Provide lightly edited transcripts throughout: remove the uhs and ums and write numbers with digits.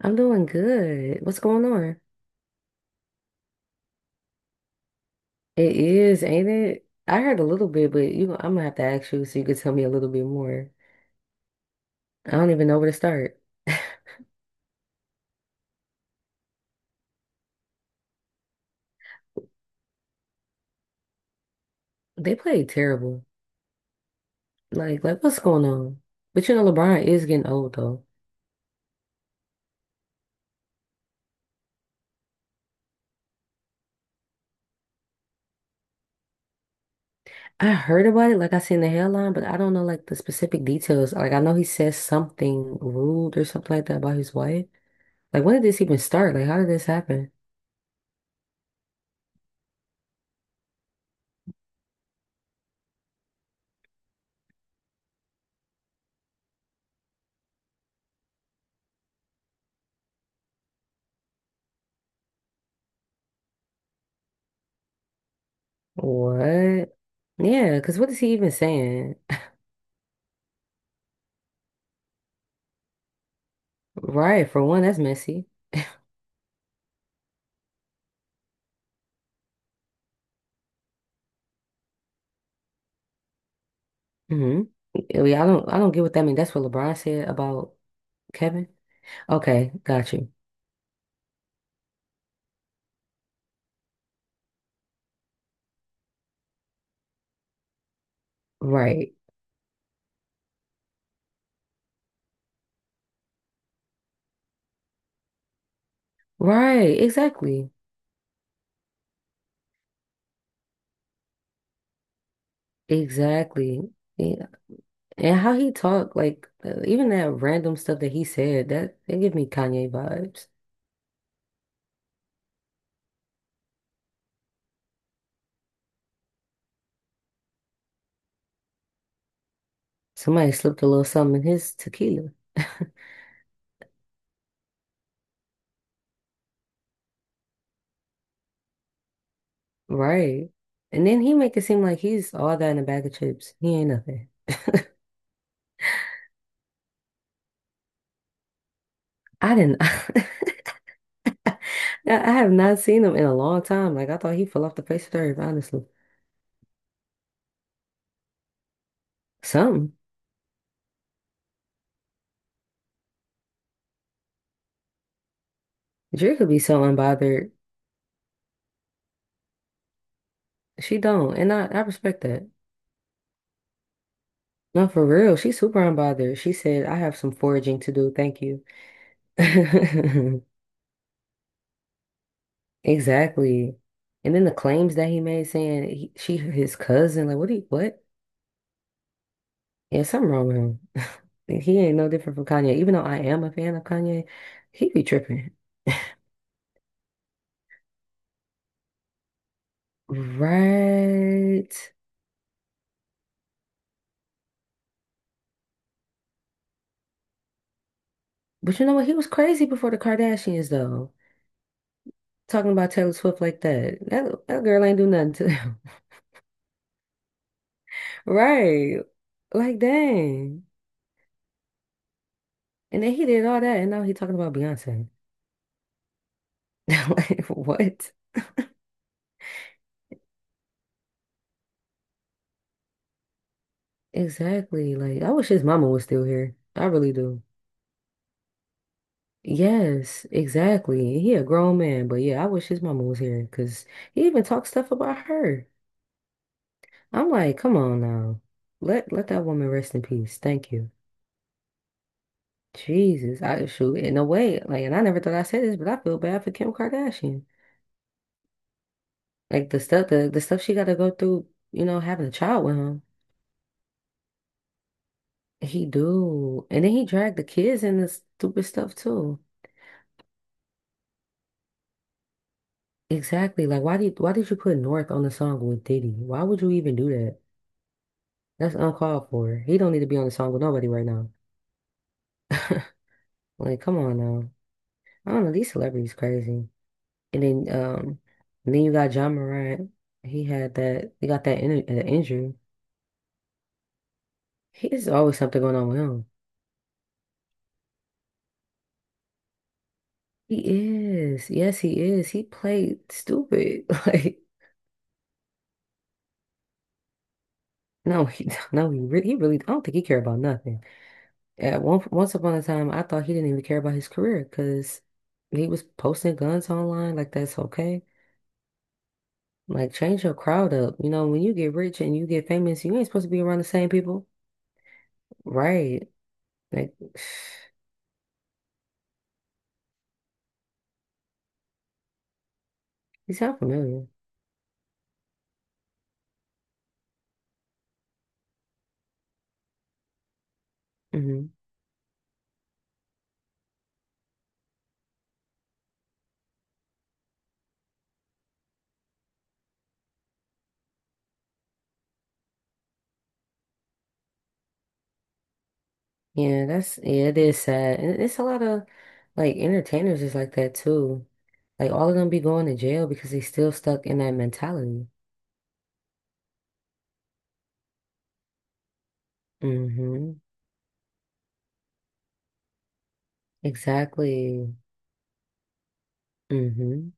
I'm doing good. What's going on? It is, ain't it? I heard a little bit, but I'm gonna have to ask you so you could tell me a little bit more. I don't even know where to start. They played terrible. Like, what's going on? But you know, LeBron is getting old though. I heard about it, like I seen the headline, but I don't know like the specific details. Like I know he says something rude or something like that about his wife. Like when did this even start? Like how did this happen? What? Yeah, because what is he even saying? Right, for one, that's messy. Hmm. Yeah, I don't get what that means. That's what LeBron said about Kevin. Okay, got you. Right. Right. Exactly. Exactly. Yeah. And how he talked, like even that random stuff that he said, that it give me Kanye vibes. Somebody slipped a little something in his tequila. Right. And then he make it seem like he's all that in a bag of chips. He ain't nothing. I didn't I have not seen him in a long time. Like I thought he fell off the face of the earth, honestly. Something. Dre could be so unbothered. She don't, and I respect that. No, for real, she's super unbothered. She said, I have some foraging to do, thank you. Exactly. And then the claims that he made saying she his cousin, like what do you, what? Yeah, something wrong with him. He ain't no different from Kanye. Even though I am a fan of Kanye, he be tripping. Right. But you know what? He was crazy before the Kardashians though. Talking about Taylor Swift like that. That that girl ain't do nothing to him. Right. Like dang. And then he did all that, and now he's talking about Beyonce. Like, what? Exactly. Like, I wish his mama was still here. I really do. Yes, exactly. He a grown man, but yeah, I wish his mama was here because he even talks stuff about her. I'm like, come on now. Let that woman rest in peace. Thank you. Jesus, I shoot in a way, like, and I never thought I said this, but I feel bad for Kim Kardashian. Like the stuff she gotta go through, you know, having a child with him. He do. And then he dragged the kids in this stupid stuff too. Exactly. Like why did you put North on the song with Diddy? Why would you even do that? That's uncalled for. He don't need to be on the song with nobody right now. Like, come on now. I don't know, these celebrities crazy. And then and then you got John Morant. He had that he got that injury. He is always something going on with him. He is. Yes, he is. He played stupid. Like, no, he no, he really I don't think he care about nothing. Once upon a time, I thought he didn't even care about his career because he was posting guns online. Like, that's okay. Like, change your crowd up. You know, when you get rich and you get famous, you ain't supposed to be around the same people. Right. Like, you sound familiar. Hmm. Yeah, yeah, it is sad. And it's a lot of, like, entertainers is like that too. Like, all of them be going to jail because they still stuck in that mentality. Hmm. Exactly. Hmm.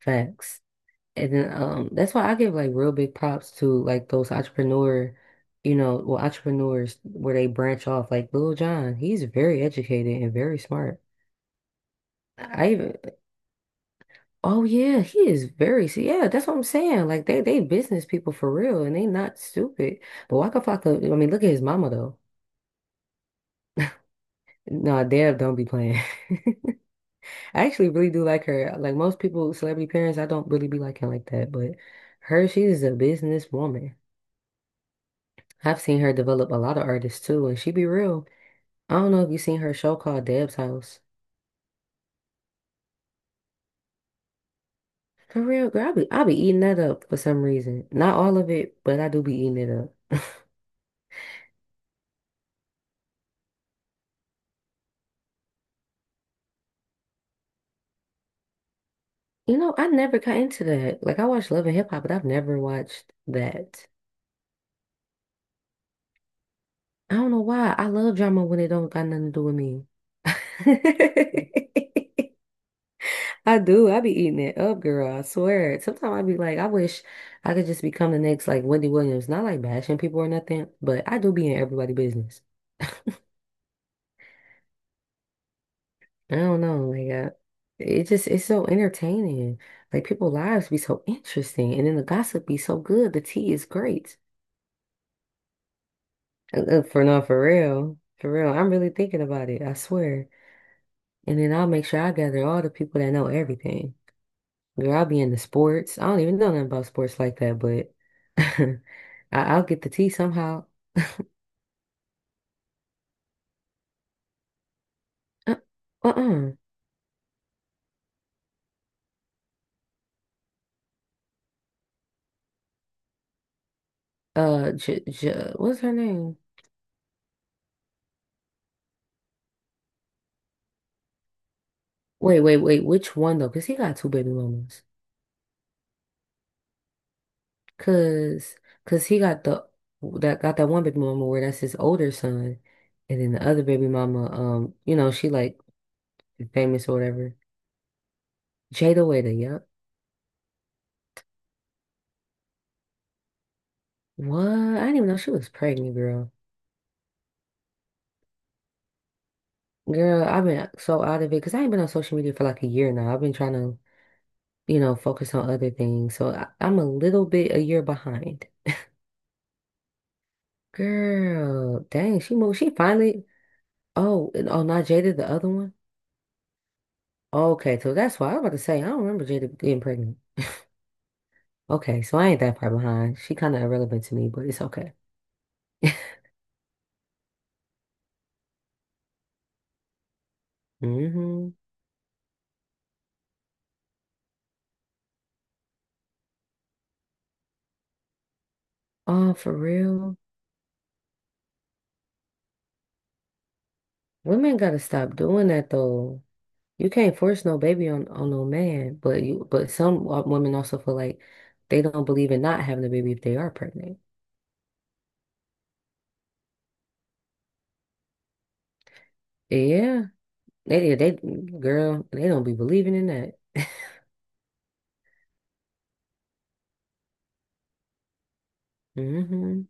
Facts. And then that's why I give like real big props to like those entrepreneurs where they branch off like Lil Jon, he's very educated and very smart. I even oh yeah, he is very see, yeah, that's what I'm saying. Like they business people for real and they not stupid. But Waka Flocka, I mean, look at his mama though. No, Deb don't be playing. I actually really do like her. Like most people, celebrity parents, I don't really be liking like that, but her, she is a businesswoman. I've seen her develop a lot of artists too, and she be real. I don't know if you seen her show called Deb's House. For real, girl, I be eating that up for some reason. Not all of it, but I do be eating it up. You know, I never got into that. Like I watched Love and Hip Hop, but I've never watched that. I don't know why. I love drama when it don't got nothing to do with me. I do. I be eating it up, girl. I swear. Sometimes I be like, I wish I could just become the next like Wendy Williams. Not like bashing people or nothing, but I do be in everybody business. I don't know, like it just it's so entertaining. Like people's lives be so interesting, and then the gossip be so good. The tea is great. For no, for real, for real. I'm really thinking about it. I swear. And then I'll make sure I gather all the people that know everything. Girl, I'll be into sports. I don't even know nothing about sports like that, but I, I'll get the tea somehow. Uh, uh-uh. J what's her name? Wait. Which one though? Because he got two baby mamas. Cause, cause he got the that got that one baby mama where that's his older son, and then the other baby mama, you know, she like famous or whatever. Jada Weta, yep. What? I didn't even know she was pregnant, girl. Girl, I've been so out of it because I ain't been on social media for like a year now. I've been trying to, you know, focus on other things. So I'm a little bit a year behind. Girl, dang, she moved. She finally. Oh, not Jada, the other one. Okay, so that's why I was about to say I don't remember Jada getting pregnant. Okay, so I ain't that far behind. She kind of irrelevant to me, but it's okay. Hmm. Oh, for real? Women gotta stop doing that though. You can't force no baby on no man, but you but some wo- women also feel like they don't believe in not having a baby if they are pregnant. Yeah, they girl, they don't be believing in that. Hmm.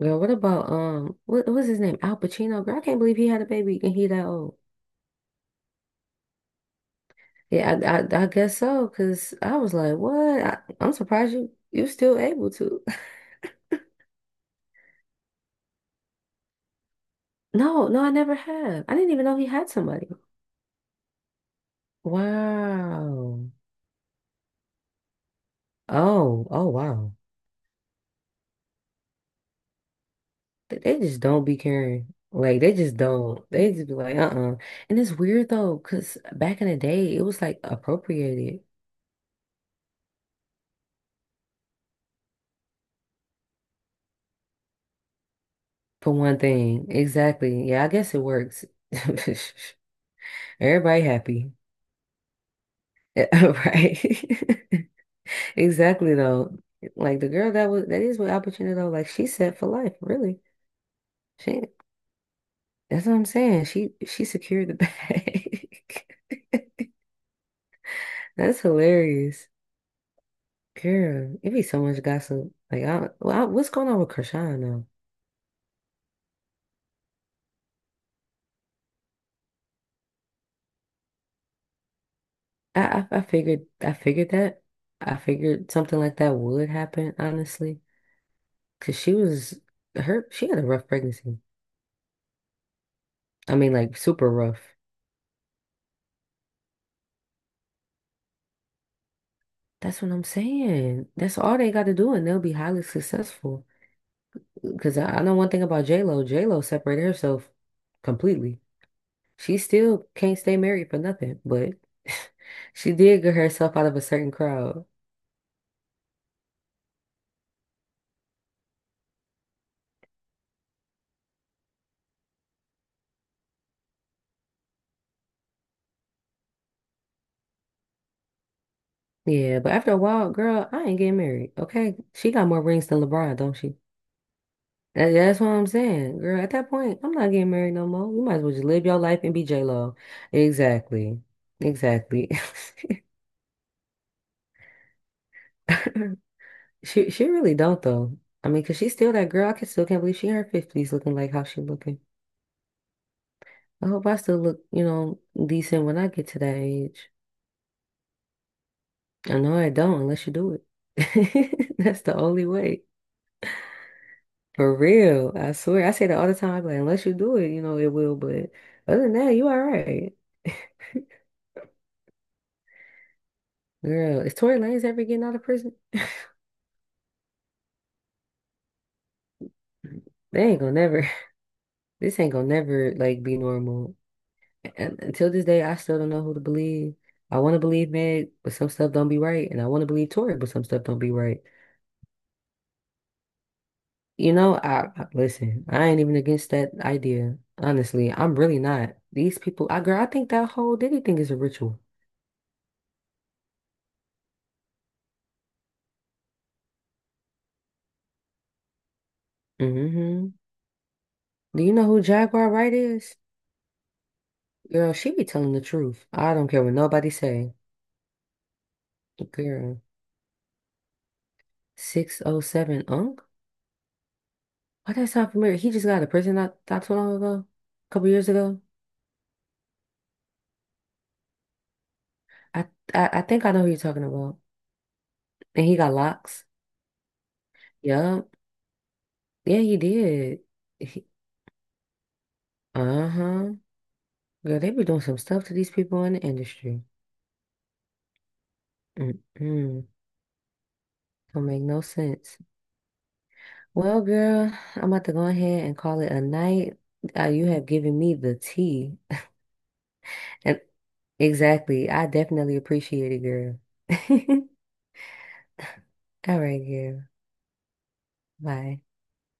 Girl, what about what what's his name? Al Pacino? Girl, I can't believe he had a baby and he that old. Yeah, I guess so, because I was like, what? I'm surprised you still able to. No, no, I never have. I didn't even know he had somebody. Wow. Oh, oh, wow. They just don't be caring. Like, they just don't. They just be like, uh-uh. And it's weird, though, because back in the day, it was like appropriated for one thing. Exactly. Yeah, I guess it works. Everybody happy. Right. Exactly though. Like the girl that is with opportunity though, like she's set for life, really. She That's what I'm saying. She secured the bag. That's hilarious. Girl, it be so much gossip. What's going on with Krishan now? I figured that. I figured something like that would happen, honestly. Cause she was her she had a rough pregnancy. I mean like super rough. That's what I'm saying. That's all they gotta do and they'll be highly successful. Because I know one thing about J-Lo. J-Lo separated herself completely. She still can't stay married for nothing, but she did get herself out of a certain crowd. Yeah, but after a while, girl, I ain't getting married. Okay. She got more rings than LeBron, don't she? That's what I'm saying, girl. At that point, I'm not getting married no more. You might as well just live your life and be J-Lo. Exactly. Exactly. She really don't though. I mean, cause she's still that girl. I can still can't believe she in her fifties looking like how she looking. I hope I still look, you know, decent when I get to that age. I know I don't unless you do it. That's the only way. For real. I swear. I say that all the time. I be like, unless you do it, you know, it will. But other than that, you all right. Girl, is Tory Lanez ever getting out of prison? They ain't gonna never. This ain't gonna never like be normal. And until this day, I still don't know who to believe. I want to believe Meg, but some stuff don't be right, and I want to believe Tory, but some stuff don't be right. You know, listen, I ain't even against that idea. Honestly, I'm really not. These people, I girl, I think that whole Diddy thing is a ritual. Hmm. Do you know who Jaguar Wright is? Girl, she be telling the truth. I don't care what nobody say. Girl, 607 Unk? Why that sound familiar? He just got out of prison not too long ago, a couple years ago. I, I think I know who you're talking about. And he got locks. Yup. Yeah, he did. He, uh-huh. Girl, they be doing some stuff to these people in the industry. Mm-mm. Don't make no sense. Well, girl, I'm about to go ahead and call it a night. You have given me the tea. And exactly. I definitely appreciate it, girl. All right, girl. Bye.